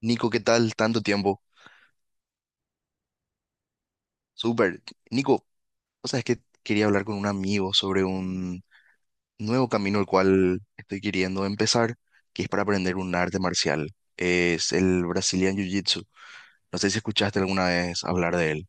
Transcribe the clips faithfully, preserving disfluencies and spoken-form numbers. Nico, ¿qué tal? Tanto tiempo. Súper. Nico, o sea, es que quería hablar con un amigo sobre un nuevo camino el cual estoy queriendo empezar, que es para aprender un arte marcial. Es el Brazilian Jiu-Jitsu. No sé si escuchaste alguna vez hablar de él.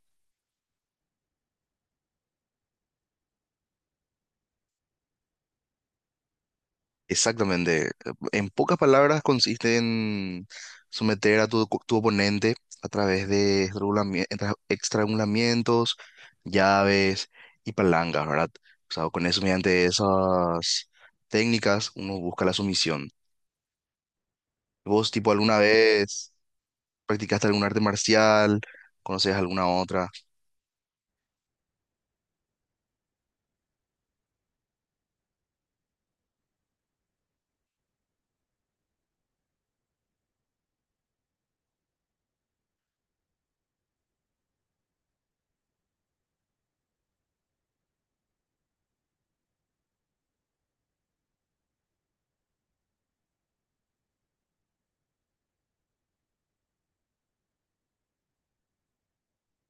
Exactamente. En pocas palabras consiste en someter a tu, tu oponente a través de estrangulami- entra- estrangulamientos, llaves y palancas, ¿verdad? O sea, con eso, mediante esas técnicas, uno busca la sumisión. ¿Vos, tipo, alguna vez practicaste algún arte marcial? ¿Conoces alguna otra?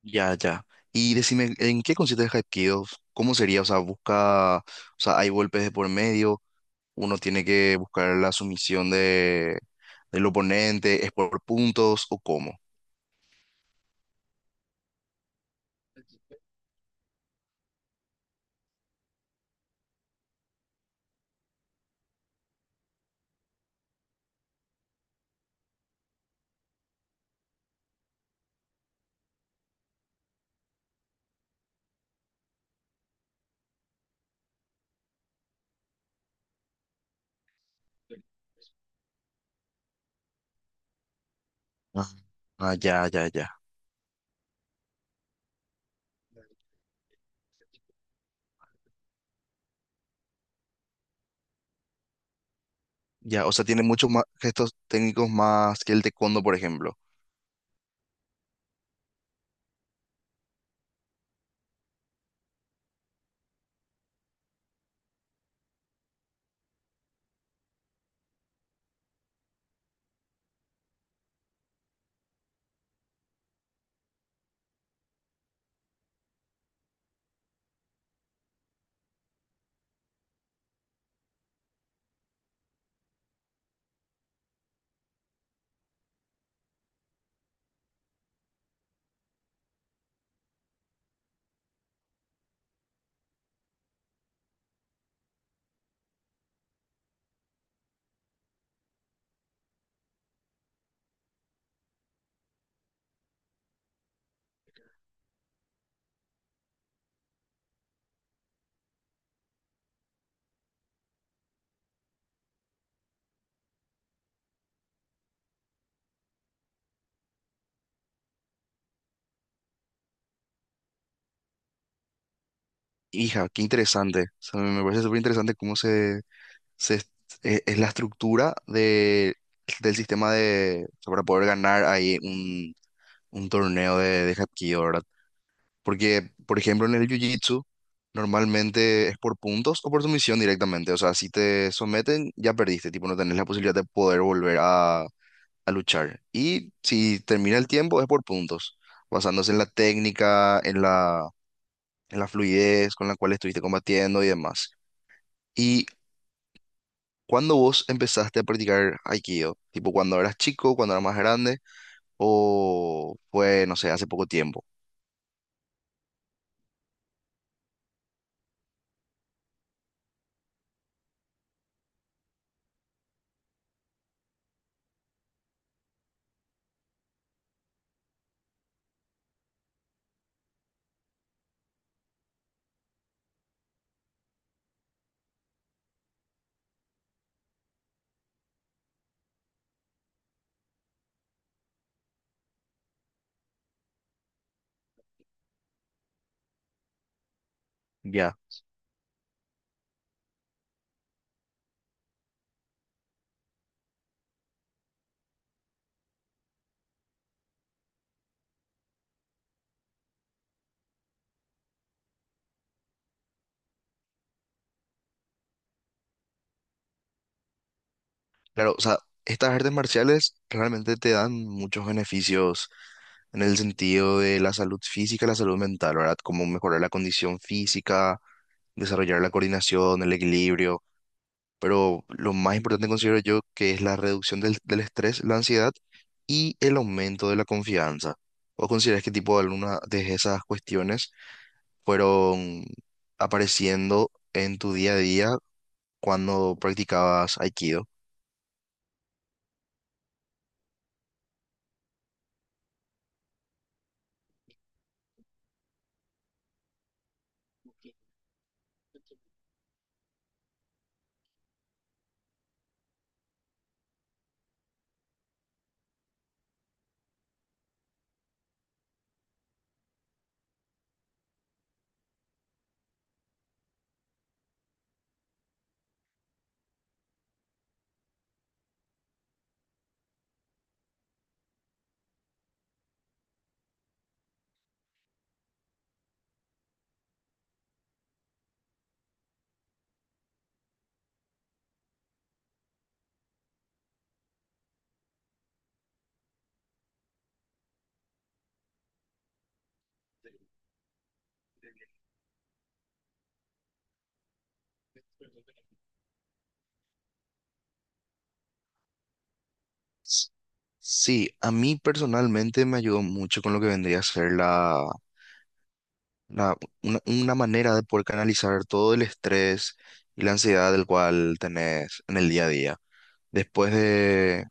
Ya, ya. Y decime, ¿en qué consiste el Hapkido? ¿Cómo sería? O sea, busca, o sea, hay golpes de por medio. Uno tiene que buscar la sumisión de, del oponente, ¿es por puntos o cómo? Ah, ah, ya, ya, ya. Ya, o sea, tiene muchos más gestos técnicos más que el taekwondo, por ejemplo. Hija, qué interesante. O sea, me me parece súper interesante cómo se, se es, e- es la estructura de, del sistema de, o sea, para poder ganar ahí un, un torneo de, de Hapkido, ¿verdad? Porque, por ejemplo, en el Jiu-Jitsu, normalmente es por puntos o por sumisión directamente. O sea, si te someten, ya perdiste, tipo, no tenés la posibilidad de poder volver a, a luchar. Y si termina el tiempo, es por puntos, basándose en la técnica, en la, en la fluidez con la cual estuviste combatiendo y demás. ¿Y cuando vos empezaste a practicar Aikido? Tipo, cuando eras chico, cuando eras más grande, o fue, no sé, hace poco tiempo. Ya. Claro, o sea, estas artes marciales realmente te dan muchos beneficios en el sentido de la salud física y la salud mental, ¿verdad? Como mejorar la condición física, desarrollar la coordinación, el equilibrio, pero lo más importante considero yo que es la reducción del, del estrés, la ansiedad y el aumento de la confianza. ¿O consideras qué tipo de alguna de esas cuestiones fueron apareciendo en tu día a día cuando practicabas Aikido? S- Sí, a mí personalmente me ayudó mucho con lo que vendría a ser la, la- una, una manera de poder canalizar todo el estrés y la ansiedad del cual tenés en el día a día. Después de,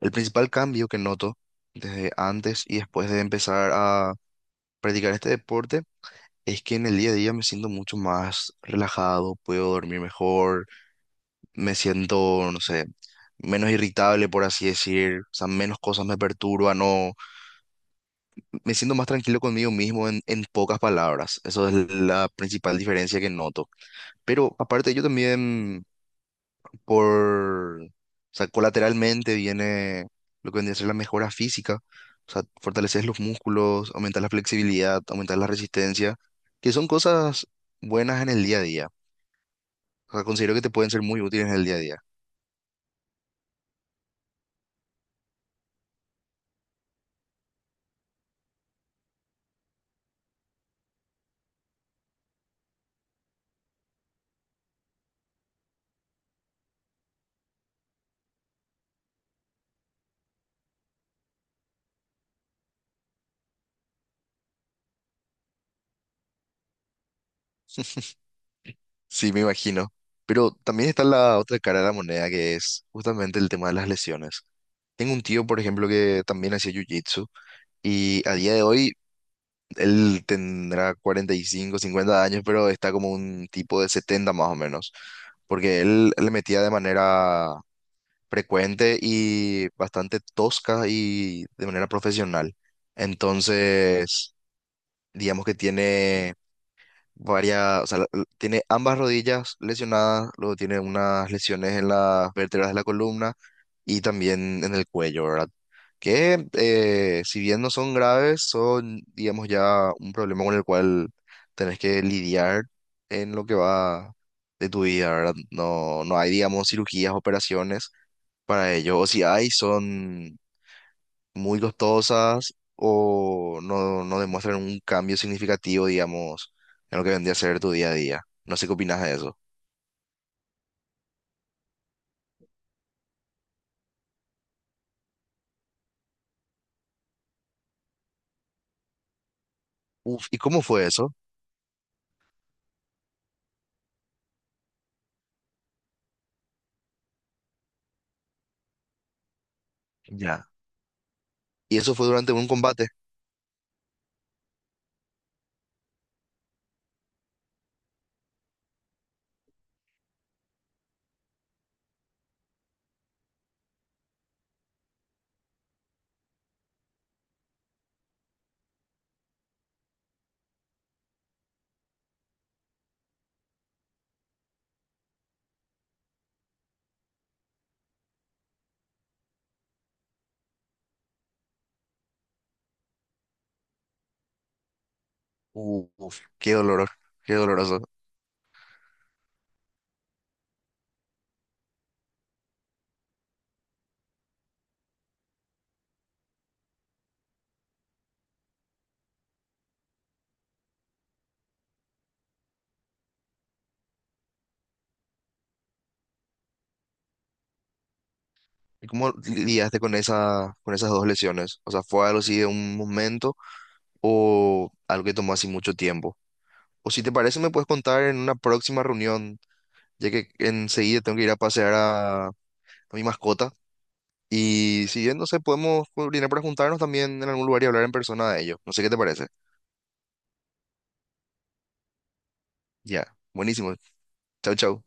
el principal cambio que noto desde antes y después de empezar a practicar este deporte es que en el día a día me siento mucho más relajado, puedo dormir mejor, me siento, no sé, menos irritable, por así decir, o sea, menos cosas me perturban. Me siento más tranquilo conmigo mismo en, en pocas palabras. Eso es la principal diferencia que noto. Pero aparte, yo también, por, o sea, colateralmente viene lo que vendría a ser la mejora física. O sea, fortaleces los músculos, aumentas la flexibilidad, aumentas la resistencia, que son cosas buenas en el día a día. O sea, considero que te pueden ser muy útiles en el día a día. Sí, me imagino. Pero también está la otra cara de la moneda, que es justamente el tema de las lesiones. Tengo un tío, por ejemplo, que también hacía jiu-jitsu. Y a día de hoy él tendrá cuarenta y cinco cincuenta años, pero está como un tipo de setenta más o menos, porque él le metía de manera frecuente y bastante tosca y de manera profesional. Entonces, digamos que tiene varias, o sea, la- la- tiene ambas rodillas lesionadas, luego tiene unas lesiones en las vértebras de la columna y también en el cuello, ¿verdad? Que eh, si bien no son graves, son, digamos, ya un problema con el cual tenés que lidiar en lo que va de tu vida, ¿verdad? No, no hay, digamos, cirugías, operaciones para ello, o si hay, son muy costosas o no, no demuestran un cambio significativo, digamos, en lo que vendría a ser tu día a día. No sé qué opinas de eso. Uf, ¿y cómo fue eso? Ya. ¿Y eso fue durante un combate? Uf, qué dolor, qué doloroso. ¿Y cómo lidiaste con esa, con esas dos lesiones? O sea, ¿fue algo así de un momento o algo que tomó así mucho tiempo? O si te parece, me puedes contar en una próxima reunión, ya que enseguida tengo que ir a pasear a a mi mascota. Y si bien, no sé, podemos coordinar para juntarnos también en algún lugar y hablar en persona de ello. No sé qué te parece. Ya, buenísimo. Chau, chau.